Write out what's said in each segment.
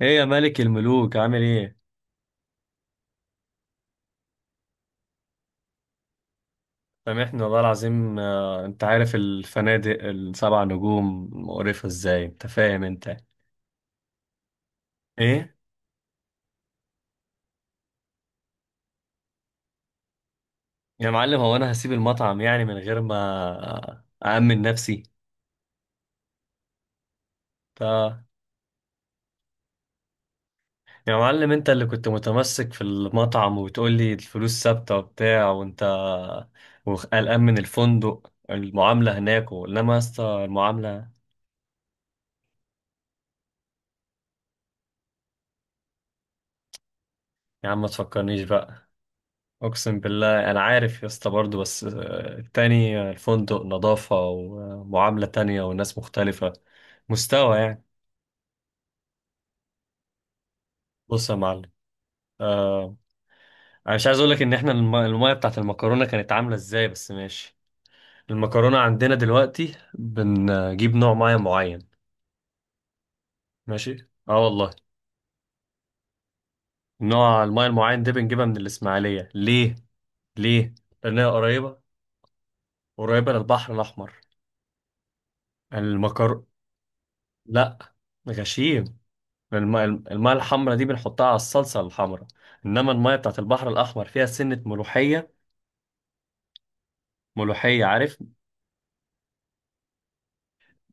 ايه يا ملك الملوك عامل ايه؟ سامحني والله العظيم، انت عارف الفنادق السبع نجوم مقرفة ازاي. انت فاهم انت ايه؟ يا معلم، هو انا هسيب المطعم يعني من غير ما أأمن نفسي؟ ف... يا معلم، انت اللي كنت متمسك في المطعم وتقول لي الفلوس ثابتة وبتاع، وانت وقلقان من الفندق، المعاملة هناك، انما يا اسطى المعاملة. يا عم، ما تفكرنيش بقى. اقسم بالله انا عارف يا اسطى برضه، بس التاني، الفندق نظافة ومعاملة تانية وناس مختلفة. مستوى يعني. بص يا معلم. آه، انا مش عايز اقول لك ان احنا المية بتاعت المكرونة كانت عاملة ازاي، بس ماشي. المكرونة عندنا دلوقتي بنجيب نوع مية معين. ماشي. اه والله. نوع المية المعين ده بنجيبها من الاسماعيلية. ليه؟ ليه؟ لانها قريبة. قريبة للبحر الاحمر. المكر لا. غشيم. الماء، الحمراء دي بنحطها على الصلصة الحمراء، انما الماء بتاعت البحر الاحمر فيها سنة ملوحية. ملوحية، عارف؟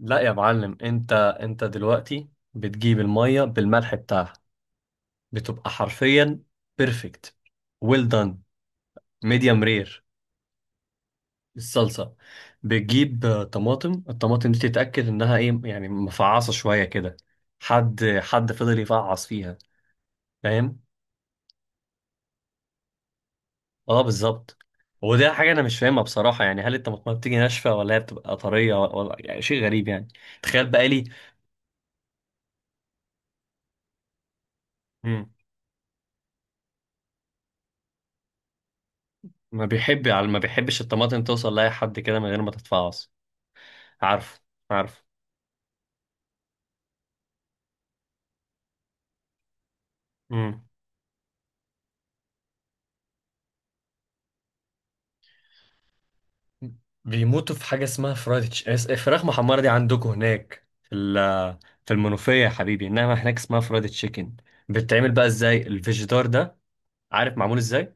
لا يا معلم، انت دلوقتي بتجيب المية بالملح بتاعها، بتبقى حرفيا بيرفكت، ويل دان. ميديوم رير. الصلصة بتجيب طماطم. الطماطم دي تتأكد انها ايه يعني، مفعصة شوية كده. حد فضل يفعص فيها، فاهم؟ اه بالظبط. وده حاجة أنا مش فاهمها بصراحة يعني، هل الطماطم بتيجي ناشفة، ولا هي بتبقى طرية، ولا، يعني شيء غريب يعني. تخيل بقى لي. مم. ما بيحبش الطماطم توصل لأي حد كده من غير ما تتفعص. عارف. عارف. مم. بيموتوا في حاجة اسمها فراخ محمرة. دي عندكم هناك في في المنوفية يا حبيبي، إنما هناك اسمها فرايد تشيكن. بتتعمل بقى إزاي الفيجيتار ده؟ عارف معمول إزاي؟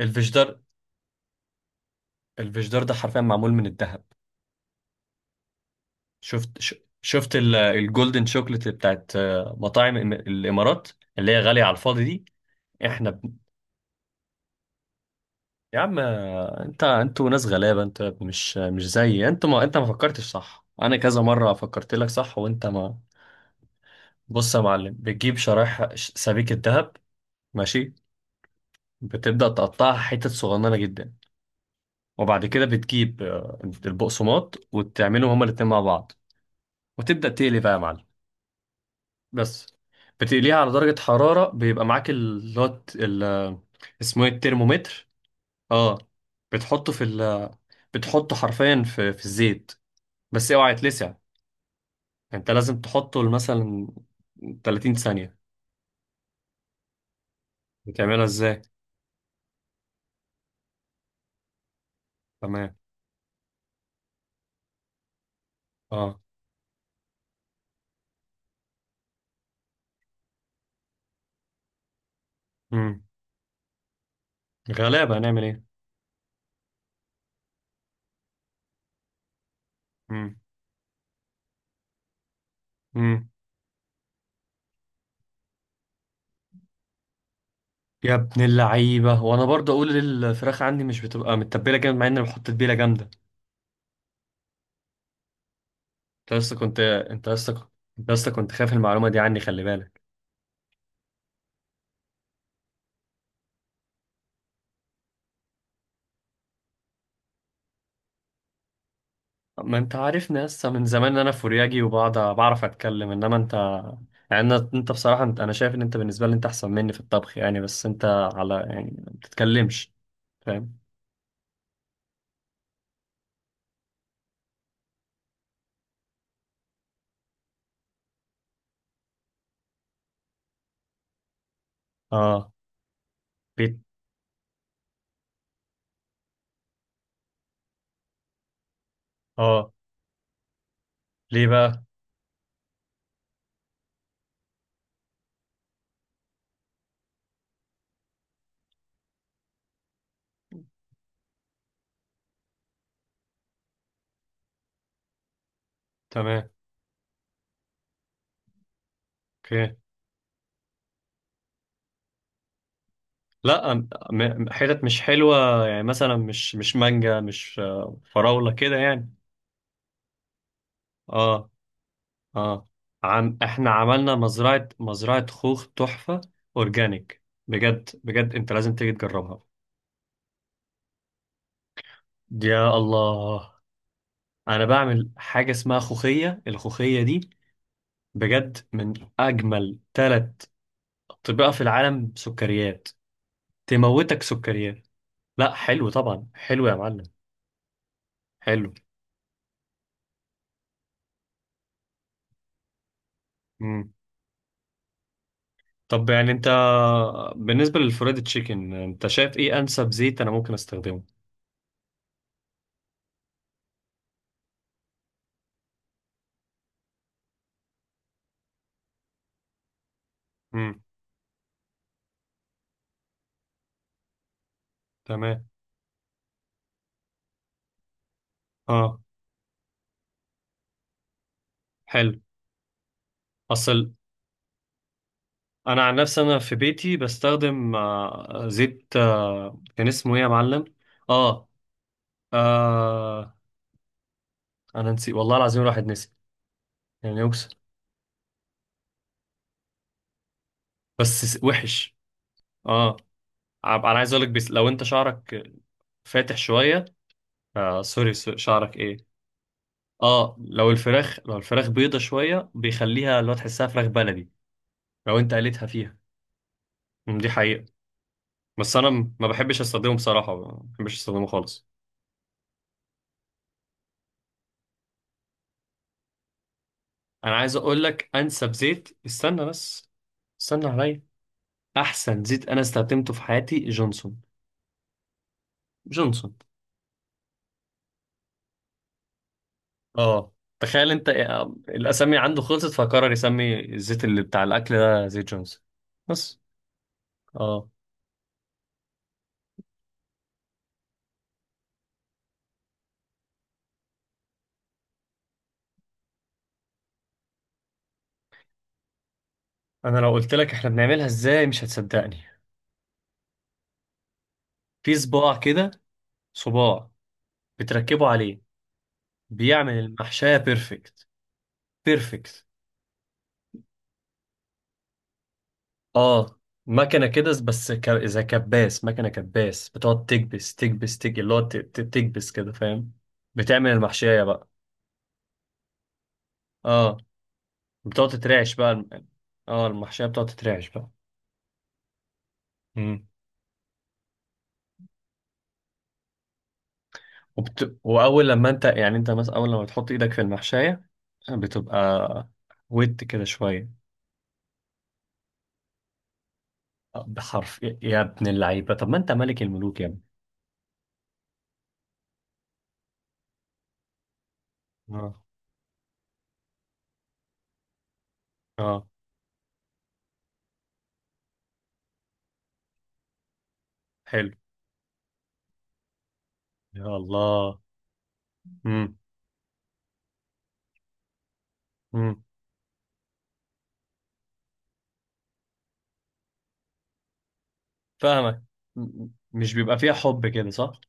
الفيجيتار، الفيجيتار ده حرفيا معمول من الدهب. شفت ش- شفت الجولدن شوكليت بتاعت مطاعم الامارات، اللي هي غاليه على الفاضي دي. احنا ب... يا عم، انت، انتوا ناس غلابه. انت مش، مش زي، انت ما انت ما فكرتش صح. انا كذا مره فكرت لك صح وانت ما. بص يا معلم، بتجيب شرايح سبيكه ذهب. ماشي. بتبدا تقطعها حتت صغننه جدا، وبعد كده بتجيب البقسماط، وتعملهم هما الاتنين مع بعض، وتبدا تقلي بقى يا معلم. بس بتقليها على درجة حرارة، بيبقى معاك اللي هو اسمه ايه، الترمومتر. اه. بتحطه في ال... بتحطه حرفيا في الزيت، بس اوعى يتلسع. انت لازم تحطه مثلا 30 ثانية. بتعملها ازاي؟ تمام. اه. امم. غلابة هنعمل ايه. امم. امم. يا ابن اللعيبة، وانا برضه اقول الفراخ عندي مش بتبقى متبلة جامد، مع اني بحط تتبيلة جامدة. انت لسه كنت انت لسه انت لسه كنت خايف المعلومة دي عني، خلي بالك. ما انت عارفني لسه من زمان ان انا فورياجي وبقعد بعرف اتكلم، انما انت. يعني انت بصراحة، انت، انا شايف ان انت بالنسبة لي انت احسن مني في الطبخ يعني، بس انت على يعني ما بتتكلمش، فاهم؟ اه. بيت. اه. ليه بقى؟ تمام. اوكي. لا، حتت مش حلوة يعني، مثلا مش مانجا، مش فراولة كده يعني. اه. اه. عم، احنا عملنا مزرعة، مزرعة خوخ تحفة. اورجانيك. بجد بجد، انت لازم تيجي تجربها. يا الله. انا بعمل حاجه اسمها خوخيه. الخوخيه دي بجد من اجمل ثلاث اطباق في العالم. سكريات تموتك. سكريات. لا حلو طبعا، حلو يا معلم. حلو. مم. طب يعني انت، بالنسبه للفريد تشيكن، انت شايف ايه انسب زيت انا ممكن استخدمه؟ امم. تمام. اه. حلو. اصل، انا عن نفسي، انا في بيتي بستخدم زيت، كان اسمه ايه يا معلم؟ اه. آه. انا نسيت والله العظيم، الواحد نسي. يعني يكسر، بس وحش. اه. انا عايز اقولك، بس لو انت شعرك فاتح شويه، آه سوري، شعرك ايه. اه، لو الفراخ، لو الفراخ بيضه شويه، بيخليها لو تحسها فراخ بلدي لو انت قليتها فيها. أم، دي حقيقه. بس انا، ما بحبش استخدمه بصراحه، ما بحبش استخدمه خالص. انا عايز اقولك انسب زيت، استنى بس. استنى عليا. احسن زيت انا استخدمته في حياتي جونسون. جونسون. اه. تخيل انت، الاسامي عنده خلصت، فقرر يسمي الزيت اللي بتاع الاكل ده زيت جونز. بس. اه. انا لو قلت لك احنا بنعملها ازاي، مش هتصدقني. في صباع كده، صباع بتركبه عليه، بيعمل المحشية بيرفكت. بيرفكت. اه. مكنة كده بس، زي كباس، مكنة كباس بتقعد تكبس تكبس تك اللي هو تكبس كده، فاهم؟ بتعمل المحشية بقى. اه. بتقعد تترعش بقى اه، المحشية بتقعد تترعش بقى. مم. واول لما انت يعني انت مثلا، اول لما بتحط ايدك في المحشايه، بتبقى ود كده شويه. بحرف يا، يا ابن اللعيبه، طب ما انت ملك الملوك يا ابني. اه. اه. حلو. يا الله. امم. امم. فاهمك. مش بيبقى فيها حب كده صح.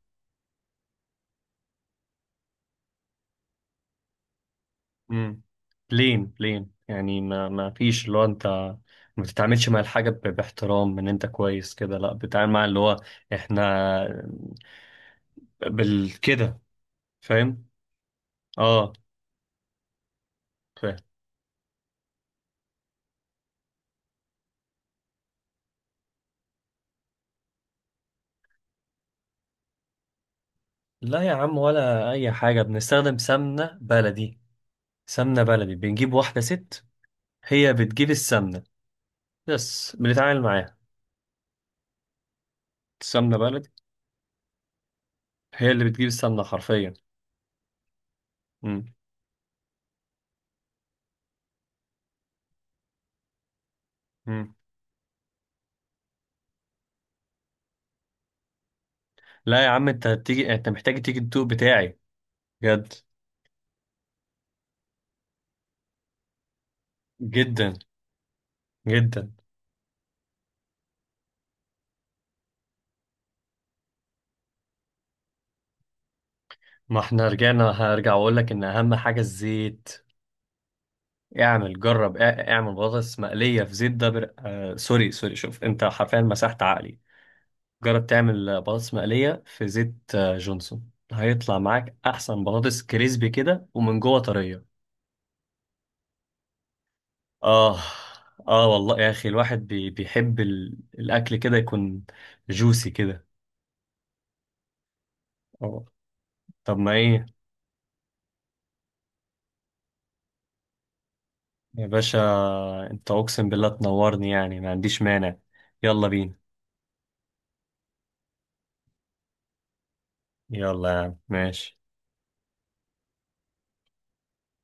امم. لين لين يعني، ما، ما فيش اللي هو، انت ما بتتعاملش مع الحاجه باحترام، ان انت كويس كده، لا بتتعامل مع اللي هو، احنا بال كده، فاهم؟ اه. لا يا عم، ولا اي حاجه، بنستخدم سمنه بلدي. سمنه بلدي بنجيب واحده ست، هي بتجيب السمنه، بس بنتعامل معاها. السمنه بلدي، هي اللي بتجيب السمنه حرفيا. مم. مم. لا يا عم، انت هتيجي، انت محتاج تيجي الدوق بتاعي، بجد. جدا. جدا. ما احنا رجعنا، هرجع واقول لك ان اهم حاجه الزيت. اعمل، جرب، اعمل بطاطس مقليه في زيت ده، آه سوري سوري، شوف انت حرفيا مسحت عقلي. قاعد تعمل برش مالية في زيت جونسون، هايطلع معك أحسن برش كريسب كده ومن جوا تريا. اه. اه والله ياخي، الواحد بيحب الأكل كده يكون جوسي كده. آه. طب ما إيه. بشه. أنت أوكس بالاطن وارني يعني، ما عندش مانع. يلا بين. يلا مش